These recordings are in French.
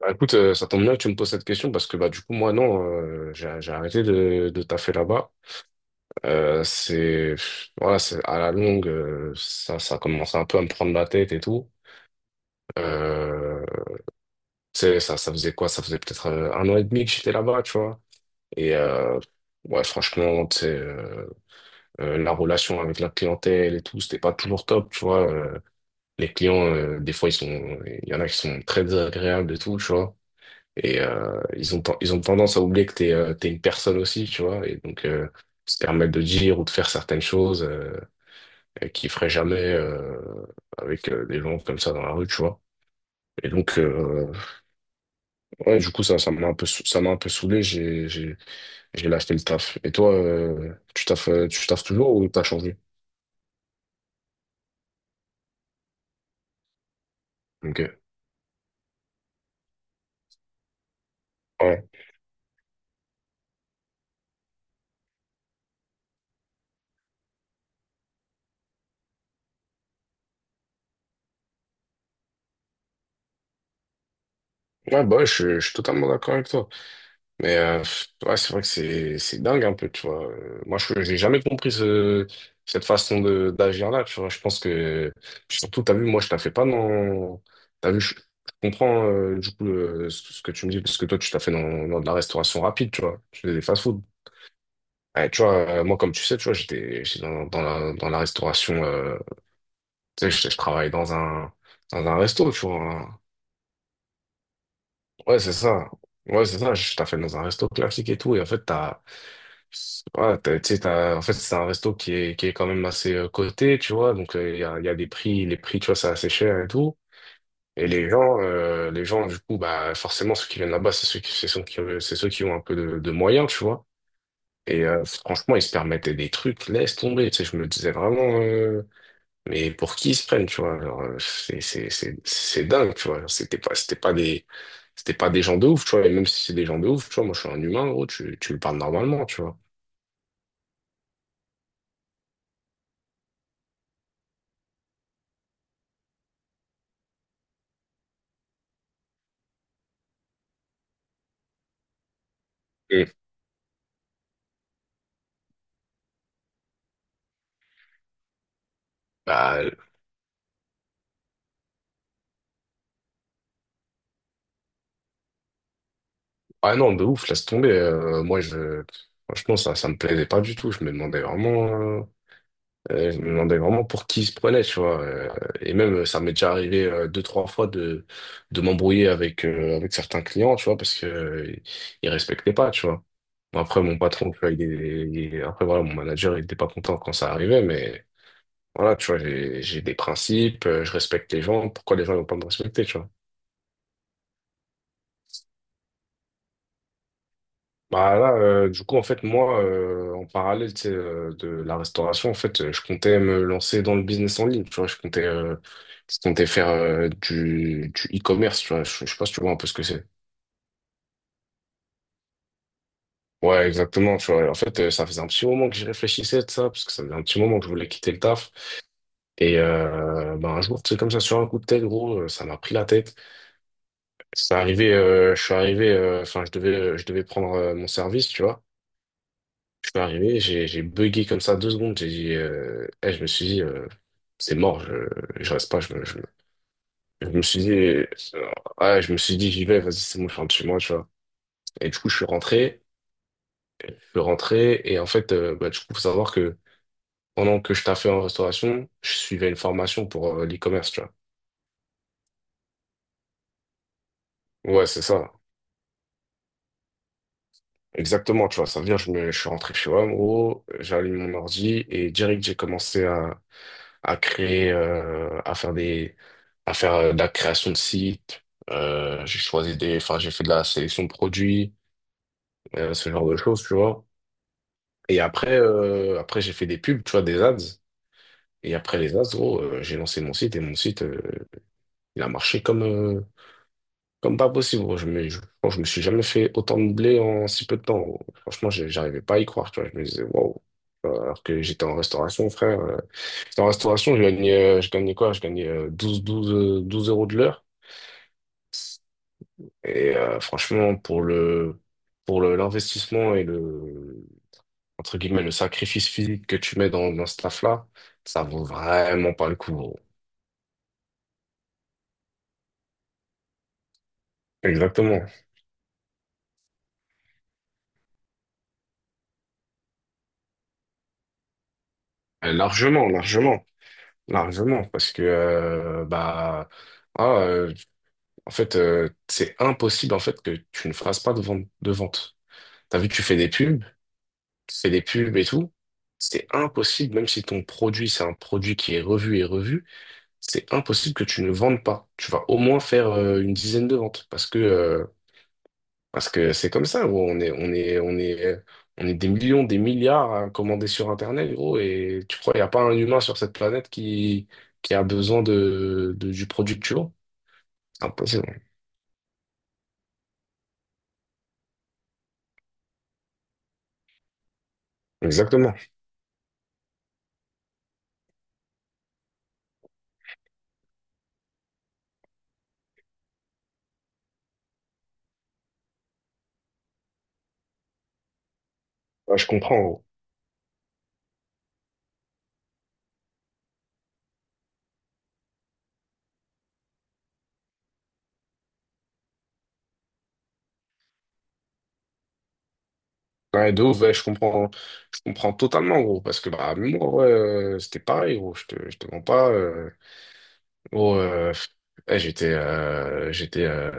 Écoute, ça tombe bien que tu me poses cette question parce que du coup moi non, j'ai arrêté de taffer là-bas. Voilà, c'est à la longue, ça commence un peu à me prendre la tête et tout. Euh, Tu sais, ça faisait quoi? Ça faisait peut-être un an et demi que j'étais là-bas, tu vois. Et ouais, franchement, tu sais, la relation avec la clientèle et tout, c'était pas toujours top, tu vois. Les clients, des fois il y en a qui sont très désagréables et tout, tu vois. Et ils ont tendance à oublier que t'es t'es une personne aussi, tu vois. Et donc, se permettre de dire ou de faire certaines choses qu'ils feraient jamais avec des gens comme ça dans la rue, tu vois. Et donc, ouais, du coup, ça m'a un peu, ça m'a un peu saoulé. J'ai lâché le taf. Et toi, tu taffes toujours ou t'as changé? Ok. Ouais. Ouais, bah, ouais, je suis totalement d'accord avec toi. Mais ouais, c'est vrai que c'est dingue un peu, tu vois. Moi, je j'ai jamais compris cette façon de d'agir là, tu vois. Je pense que puis surtout, t'as vu, moi, je la fais pas dans. T'as vu, je comprends du coup ce que tu me dis parce que toi, tu t'as fait dans, dans de la restauration rapide, tu vois. Tu fais des fast-food. Ouais, tu vois, moi, comme tu sais, tu vois, j'étais dans, dans la restauration. Tu sais, je travaille dans un resto, tu vois. Ouais, c'est ça. Ouais, c'est ça. Je t'ai fait dans un resto classique et tout, et en fait, t'as ouais, tu sais, en fait, c'est un resto qui est quand même assez coté, tu vois. Donc, il y a des prix, les prix, tu vois, c'est assez cher et tout. Et les gens, du coup, bah, forcément, ceux qui viennent là-bas, c'est ceux qui ont un peu de moyens, tu vois. Et franchement, ils se permettaient des trucs, laisse tomber. Tu sais, je me disais vraiment, mais pour qui ils se prennent, tu vois? Genre, c'est dingue, tu vois. Genre, c'était pas des gens de ouf, tu vois. Et même si c'est des gens de ouf, tu vois, moi, je suis un humain, gros, tu me parles normalement, tu vois. Et bah, ah non, de ouf, laisse tomber. Franchement, ça me plaisait pas du tout. Je me demandais vraiment, euh, je me demandais vraiment pour qui il se prenait, tu vois. Et même, ça m'est déjà arrivé deux, trois fois de m'embrouiller avec, avec certains clients, tu vois, parce que, ils respectaient pas, tu vois. Bon, après, mon patron, tu vois, après, voilà, mon manager, il était pas content quand ça arrivait, mais voilà, tu vois, j'ai des principes, je respecte les gens. Pourquoi les gens ne vont pas me respecter, tu vois? Bah là, du coup, en fait, moi, en parallèle, tu sais, de la restauration, en fait, je comptais me lancer dans le business en ligne, tu vois, je comptais faire du e-commerce, tu vois, je sais pas si tu vois un peu ce que c'est. Ouais, exactement, tu vois, en fait, ça faisait un petit moment que j'y réfléchissais de ça, parce que ça faisait un petit moment que je voulais quitter le taf, et bah, un jour, tu sais, comme ça, sur un coup de tête, gros, ça m'a pris la tête. Enfin, je devais prendre mon service, tu vois. Je suis arrivé, j'ai bugué comme ça deux secondes. Je me suis dit, c'est mort, je reste pas. Je me suis dit, ouais, je me suis dit, j'y vais, vas-y, c'est bon, je rentre chez moi, tu vois. Et du coup, je suis rentré, et en fait, bah, du coup, faut savoir que pendant que je taffais en restauration, je suivais une formation pour l'e-commerce, tu vois. Ouais, c'est ça. Exactement, tu vois. Ça veut dire, je suis rentré chez moi, en gros, j'ai allumé mon ordi, et direct, j'ai commencé à créer, à faire de la création de sites. Enfin, j'ai fait de la sélection de produits, ce genre de choses, tu vois. Et après, après, j'ai fait des pubs, tu vois, des ads. Et après les ads, gros, j'ai lancé mon site et mon site, il a marché comme, comme pas possible. Gros. Je me suis jamais fait autant de blé en si peu de temps. Gros. Franchement, j'arrivais pas à y croire, tu vois. Je me disais, waouh. Alors que j'étais en restauration, frère. J'étais en restauration, je gagnais quoi? Je gagnais 12, 12 12 euros de l'heure. Et franchement, pour l'investissement et le, entre guillemets, le sacrifice physique que tu mets dans, dans ce taf-là, ça vaut vraiment pas le coup. Gros. Exactement. Largement, largement, largement. Parce que, ah, euh, en fait, c'est impossible, en fait, que tu ne fasses pas de vente, de vente. T'as vu, tu fais des pubs. Tu fais des pubs et tout, c'est impossible, même si ton produit, c'est un produit qui est revu et revu, c'est impossible que tu ne vendes pas. Tu vas au moins faire une dizaine de ventes parce que c'est comme ça, gros. On est des millions, des milliards à commander sur Internet, gros. Et tu crois, il n'y a pas un humain sur cette planète qui a besoin du produit que tu vends? C'est impossible. Exactement. Ouais, je comprends. Gros. Ouais, de ouf, ouais, je comprends totalement, gros, parce que bah, même moi, ouais, c'était pareil, gros, je te mens pas. Gros, euh, ouais,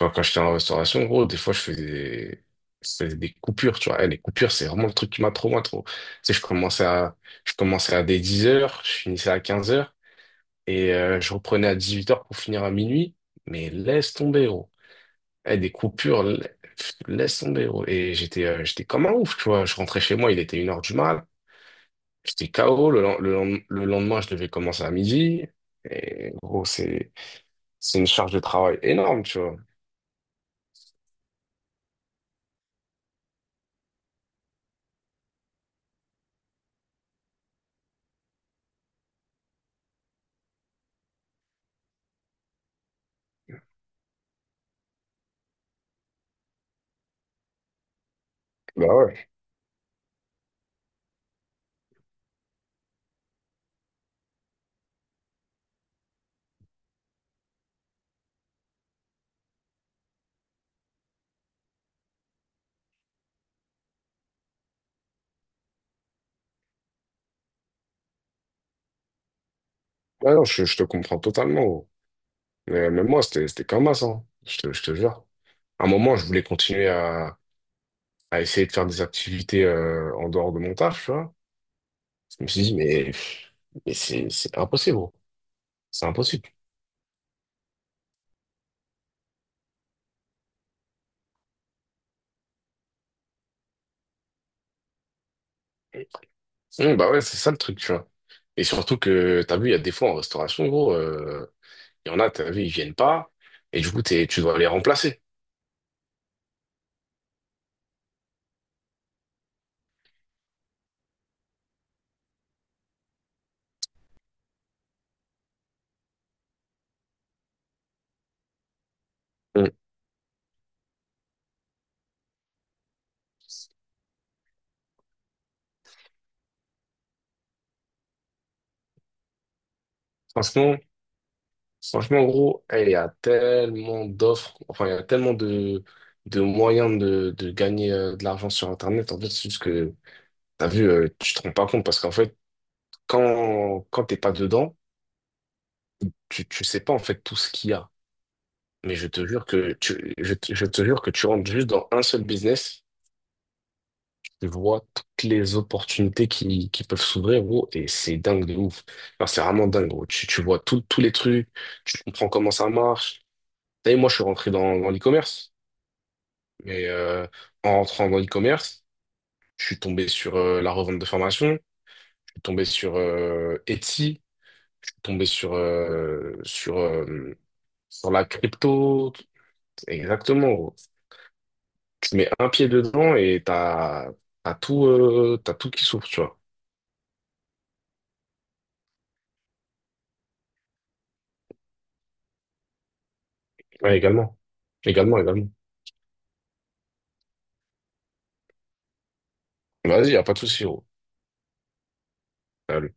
enfin, quand j'étais en restauration, gros, des fois, je faisais des coupures, tu vois. Eh, les coupures, c'est vraiment le truc qui m'a trop, moi, trop. Tu sais, je commençais à des 10 heures, je finissais à 15 heures, et je reprenais à 18 heures pour finir à minuit, mais laisse tomber, gros. Eh, des coupures, la- pff, laisse tomber, gros. Et j'étais comme un ouf, tu vois. Je rentrais chez moi, il était 1 heure du mat. J'étais KO. Le lendemain, je devais commencer à midi. Et gros, c'est une charge de travail énorme, tu vois. Bah ouais. Ah non, je te comprends totalement, gros. Mais même moi, c'était comme ça, hein. Je te jure. À un moment, je voulais continuer à essayer de faire des activités en dehors de mon taf, tu vois. Je me suis dit, mais c'est impossible, gros. C'est impossible. Mmh, bah ouais, c'est ça le truc, tu vois. Et surtout que, t'as vu, il y a des fois en restauration, gros, il y en a, t'as vu, ils viennent pas, et du coup, tu dois les remplacer. Mmh. Franchement, franchement, gros, eh, il y a tellement d'offres, enfin, il y a tellement de moyens de gagner de l'argent sur Internet. En fait, c'est juste que, t'as vu, tu te rends pas compte, parce qu'en fait, quand t'es pas dedans, tu sais pas, en fait, tout ce qu'il y a. Mais je te jure que je te jure que tu rentres juste dans un seul business. Tu vois toutes les opportunités qui peuvent s'ouvrir, gros, et c'est dingue de ouf. Enfin, c'est vraiment dingue, gros. Tu vois tous les trucs, tu comprends comment ça marche. T'as vu, moi, je suis rentré dans, dans l'e-commerce, mais en rentrant dans l'e-commerce, je suis tombé sur la revente de formation, je suis tombé sur Etsy, je suis tombé sur, sur, sur la crypto. Exactement, gros. Tu mets un pied dedans t'as tout qui s'ouvre, tu vois. Ouais, également. Également, également. Vas-y, y a pas de souci, gros. Salut.